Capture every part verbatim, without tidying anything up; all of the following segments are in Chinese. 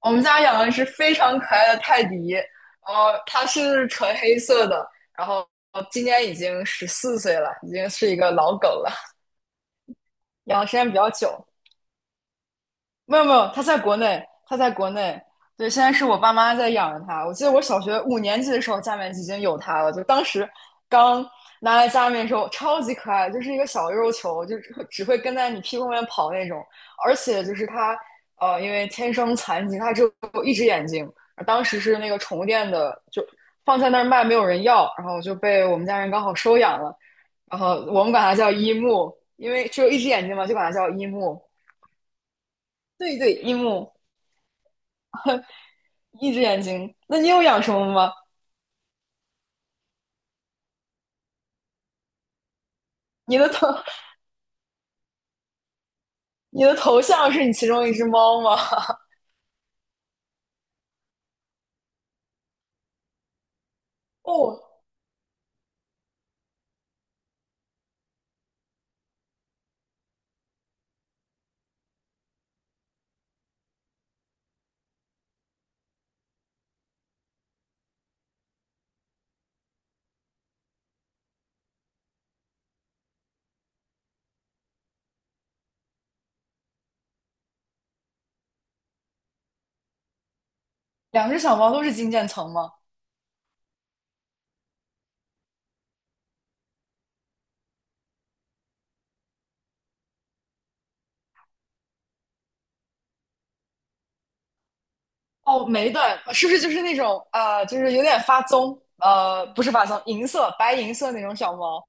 我们家养的是非常可爱的泰迪，然后它是纯黑色的，然后今年已经十四岁了，已经是一个老狗了，养的时间比较久。没有没有，它在国内，它在国内。对，现在是我爸妈在养着它。我记得我小学五年级的时候，家里面已经有它了，就当时刚拿来家里面的时候，超级可爱，就是一个小肉球，就只只会跟在你屁股后面跑那种。而且就是它，呃，因为天生残疾，它只有一只眼睛。当时是那个宠物店的，就放在那儿卖，没有人要，然后就被我们家人刚好收养了。然后我们管它叫一木，因为只有一只眼睛嘛，就管它叫一木。对对，一木。一只眼睛，那你有养什么吗？你的头，你的头像是你其中一只猫吗？哦，两只小猫都是金渐层吗？哦，美短是不是就是那种啊、呃就是有点发棕，呃，不是发棕，银色、白银色那种小猫？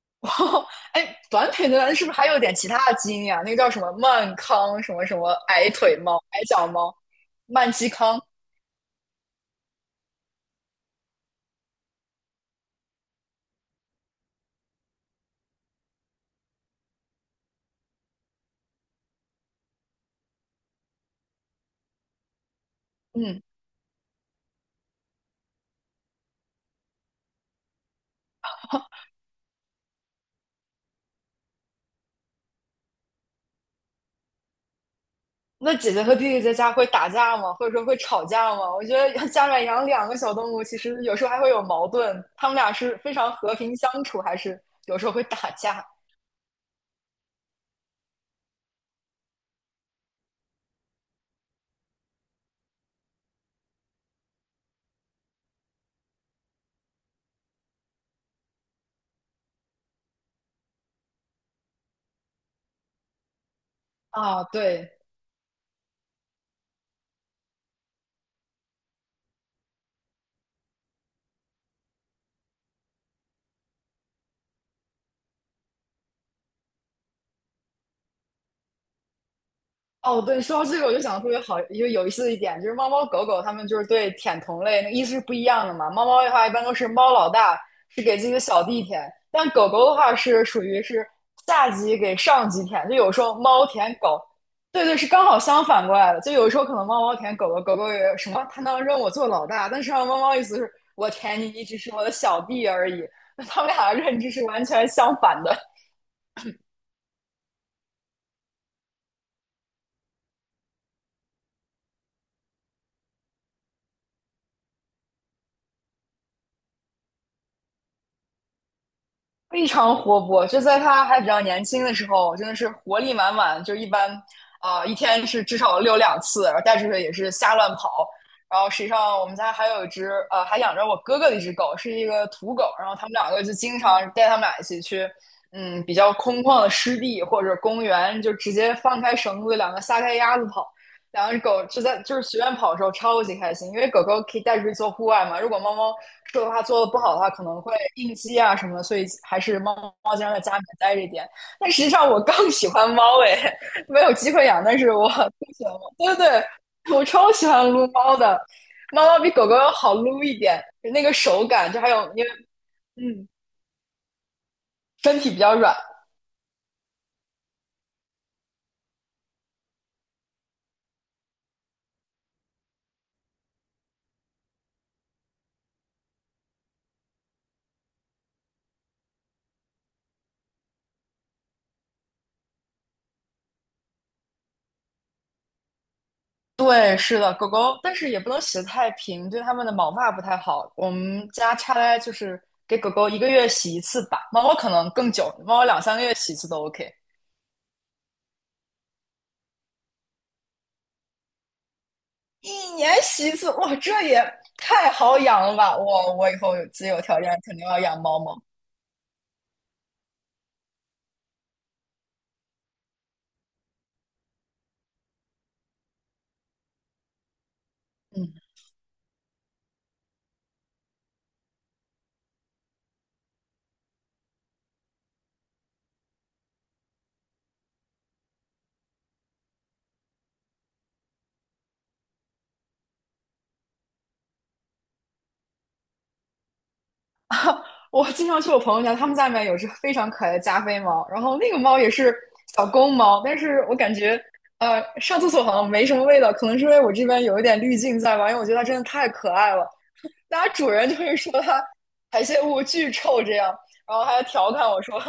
哦，哎，短腿的是不是还有点其他的基因呀、那个叫什么曼康什么什么矮腿猫、矮脚猫、曼基康？嗯，那姐姐和弟弟在家会打架吗？或者说会吵架吗？我觉得家里面养两个小动物，其实有时候还会有矛盾。他们俩是非常和平相处，还是有时候会打架啊？对，哦，对，说到这个，我就想特别好，就有意思的一点就是，猫猫狗狗它们就是对舔同类那个意思是不一样的嘛。猫猫的话，一般都是猫老大是给自己的小弟舔，但狗狗的话是属于是下级给上级舔，就有时候猫舔狗，对对，是刚好相反过来的。就有时候可能猫猫舔狗狗，狗狗也有什么，它能认我做老大，但实际上猫猫意思是我舔你，你只是我的小弟而已。那它们俩的认知是完全相反的。非常活泼，就在他还比较年轻的时候，真的是活力满满。就一般啊、一天是至少遛两次，然后带出去也是瞎乱跑。然后实际上我们家还有一只呃，还养着我哥哥的一只狗，是一个土狗。然后他们两个就经常带他们俩一起去，嗯，比较空旷的湿地或者公园，就直接放开绳子，两个撒开鸭子跑。两只狗就在就是随便跑的时候超级开心，因为狗狗可以带出去做户外嘛。如果猫猫说的话做的不好的话，可能会应激啊什么的所以还是猫猫经常在家里面待着一点。但实际上我更喜欢猫诶，没有机会养，但是我更喜欢猫。对对对，我超喜欢撸猫的，猫猫比狗狗要好撸一点，那个手感，就还有因为嗯身体比较软对，是的，狗狗，但是也不能洗得太平，对它们的毛发不太好。我们家差来就是给狗狗一个月洗一次吧，猫猫可能更久，猫猫两三个月洗一次都 OK。一年洗一次，哇，这也太好养了吧！我我以后有自己有条件，肯定要养猫猫。嗯，我经常去我朋友家，他们家里面有只非常可爱的加菲猫，然后那个猫也是小公猫，但是我感觉呃上厕所好像没什么味道，可能是因为我这边有一点滤镜在吧，因为我觉得它真的太可爱了。那主人就是说他排泄物巨臭这样，然后还调侃我说，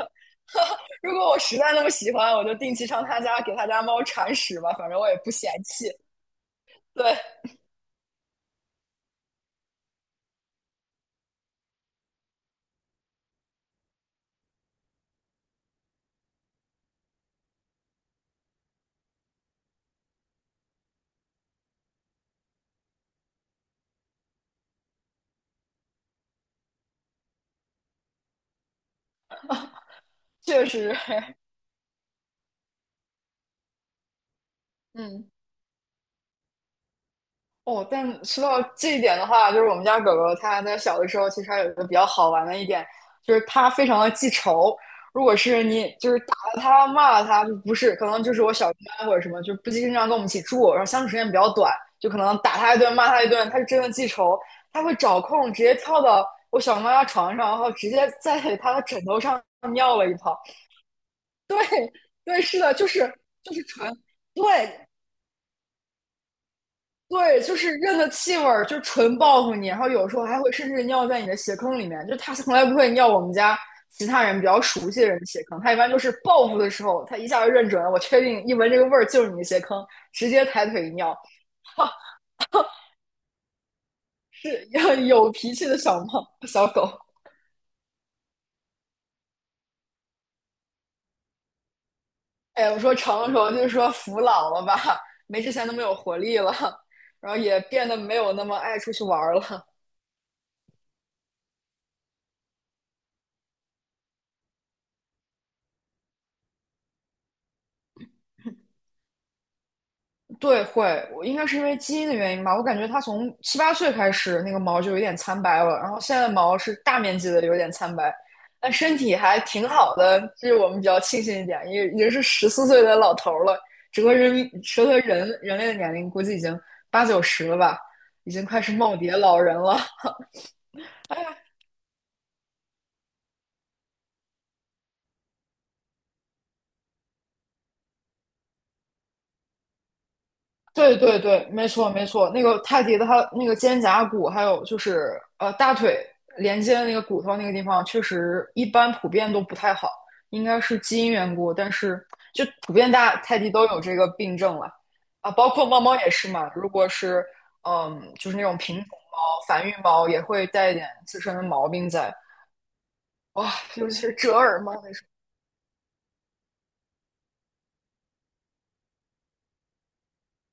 如果我实在那么喜欢，我就定期上他家给他家猫铲屎吧，反正我也不嫌弃。对，确实，嗯。哦，但说到这一点的话，就是我们家狗狗它在小的时候，其实还有一个比较好玩的一点，就是它非常的记仇。如果是你就是打了它、骂了它，就不是，可能就是我小姨妈或者什么，就不经常跟我们一起住，然后相处时间比较短，就可能打它一顿、骂它一顿，它就真的记仇，它会找空直接跳到我小姨妈家床上，然后直接在她的枕头上尿了一泡。对，对，是的，就是就是传。对，对，就是认的气味儿，就纯报复你，然后有时候还会甚至尿在你的鞋坑里面。就它从来不会尿我们家其他人比较熟悉的人的鞋坑，它一般就是报复的时候，它一下就认准了，我确定一闻这个味儿就是你的鞋坑，直接抬腿一尿。是 要有脾气的小猫小狗。哎，我说成熟就是说服老了吧，没之前那么有活力了，然后也变得没有那么爱出去玩儿了。对，会，我应该是因为基因的原因吧。我感觉它从七八岁开始，那个毛就有点苍白了，然后现在的毛是大面积的有点苍白，但身体还挺好的，这是我们比较庆幸一点。也也是十四岁的老头儿了，整个人民，整个人人类的年龄估计已经八九十了吧，已经快是耄耋老人了。对对对，没错没错，那个泰迪的它那个肩胛骨，还有就是呃大腿连接的那个骨头那个地方，确实一般普遍都不太好，应该是基因缘故，但是就普遍大泰迪都有这个病症了啊，包括猫猫也是嘛，如果是嗯就是那种品种猫、繁育猫也会带一点自身的毛病在，哇，尤其是折耳猫那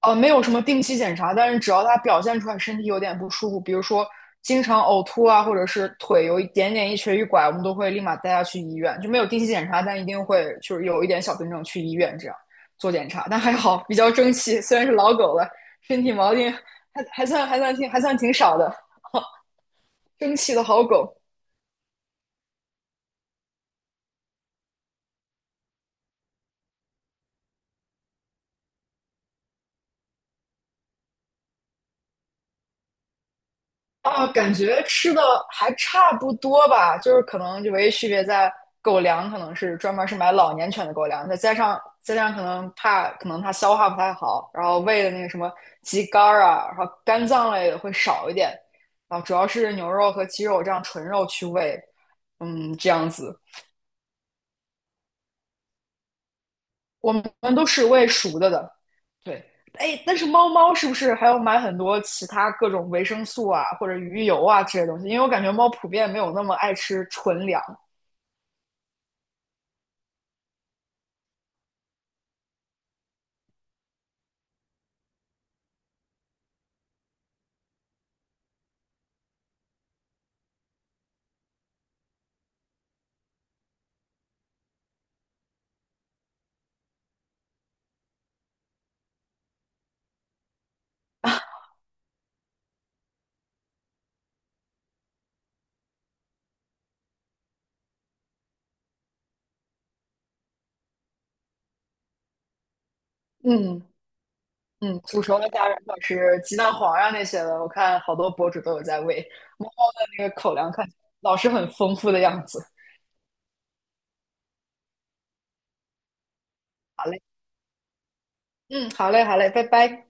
呃，没有什么定期检查，但是只要它表现出来身体有点不舒服，比如说经常呕吐啊，或者是腿有一点点一瘸一拐，我们都会立马带它去医院，就没有定期检查，但一定会就是有一点小病症去医院这样做检查。但还好，比较争气，虽然是老狗了，身体毛病还还算还算挺还算挺少的，争气的好狗。啊，感觉吃的还差不多吧，就是可能就唯一区别在狗粮，可能是专门是买老年犬的狗粮，再加上再加上可能怕可能它消化不太好，然后喂的那个什么鸡肝儿啊，然后肝脏类的会少一点，然后主要是牛肉和鸡肉这样纯肉去喂，嗯，这样子，我们都是喂熟的的，对，哎，但是猫猫是不是还要买很多其他各种维生素啊，或者鱼油啊这些东西？因为我感觉猫普遍没有那么爱吃纯粮。嗯嗯，煮熟的虾仁或者是鸡蛋黄啊那些的，我看好多博主都有在喂。猫猫的那个口粮看起来老是很丰富的样子。好嘞，嗯，好嘞，好嘞，拜拜。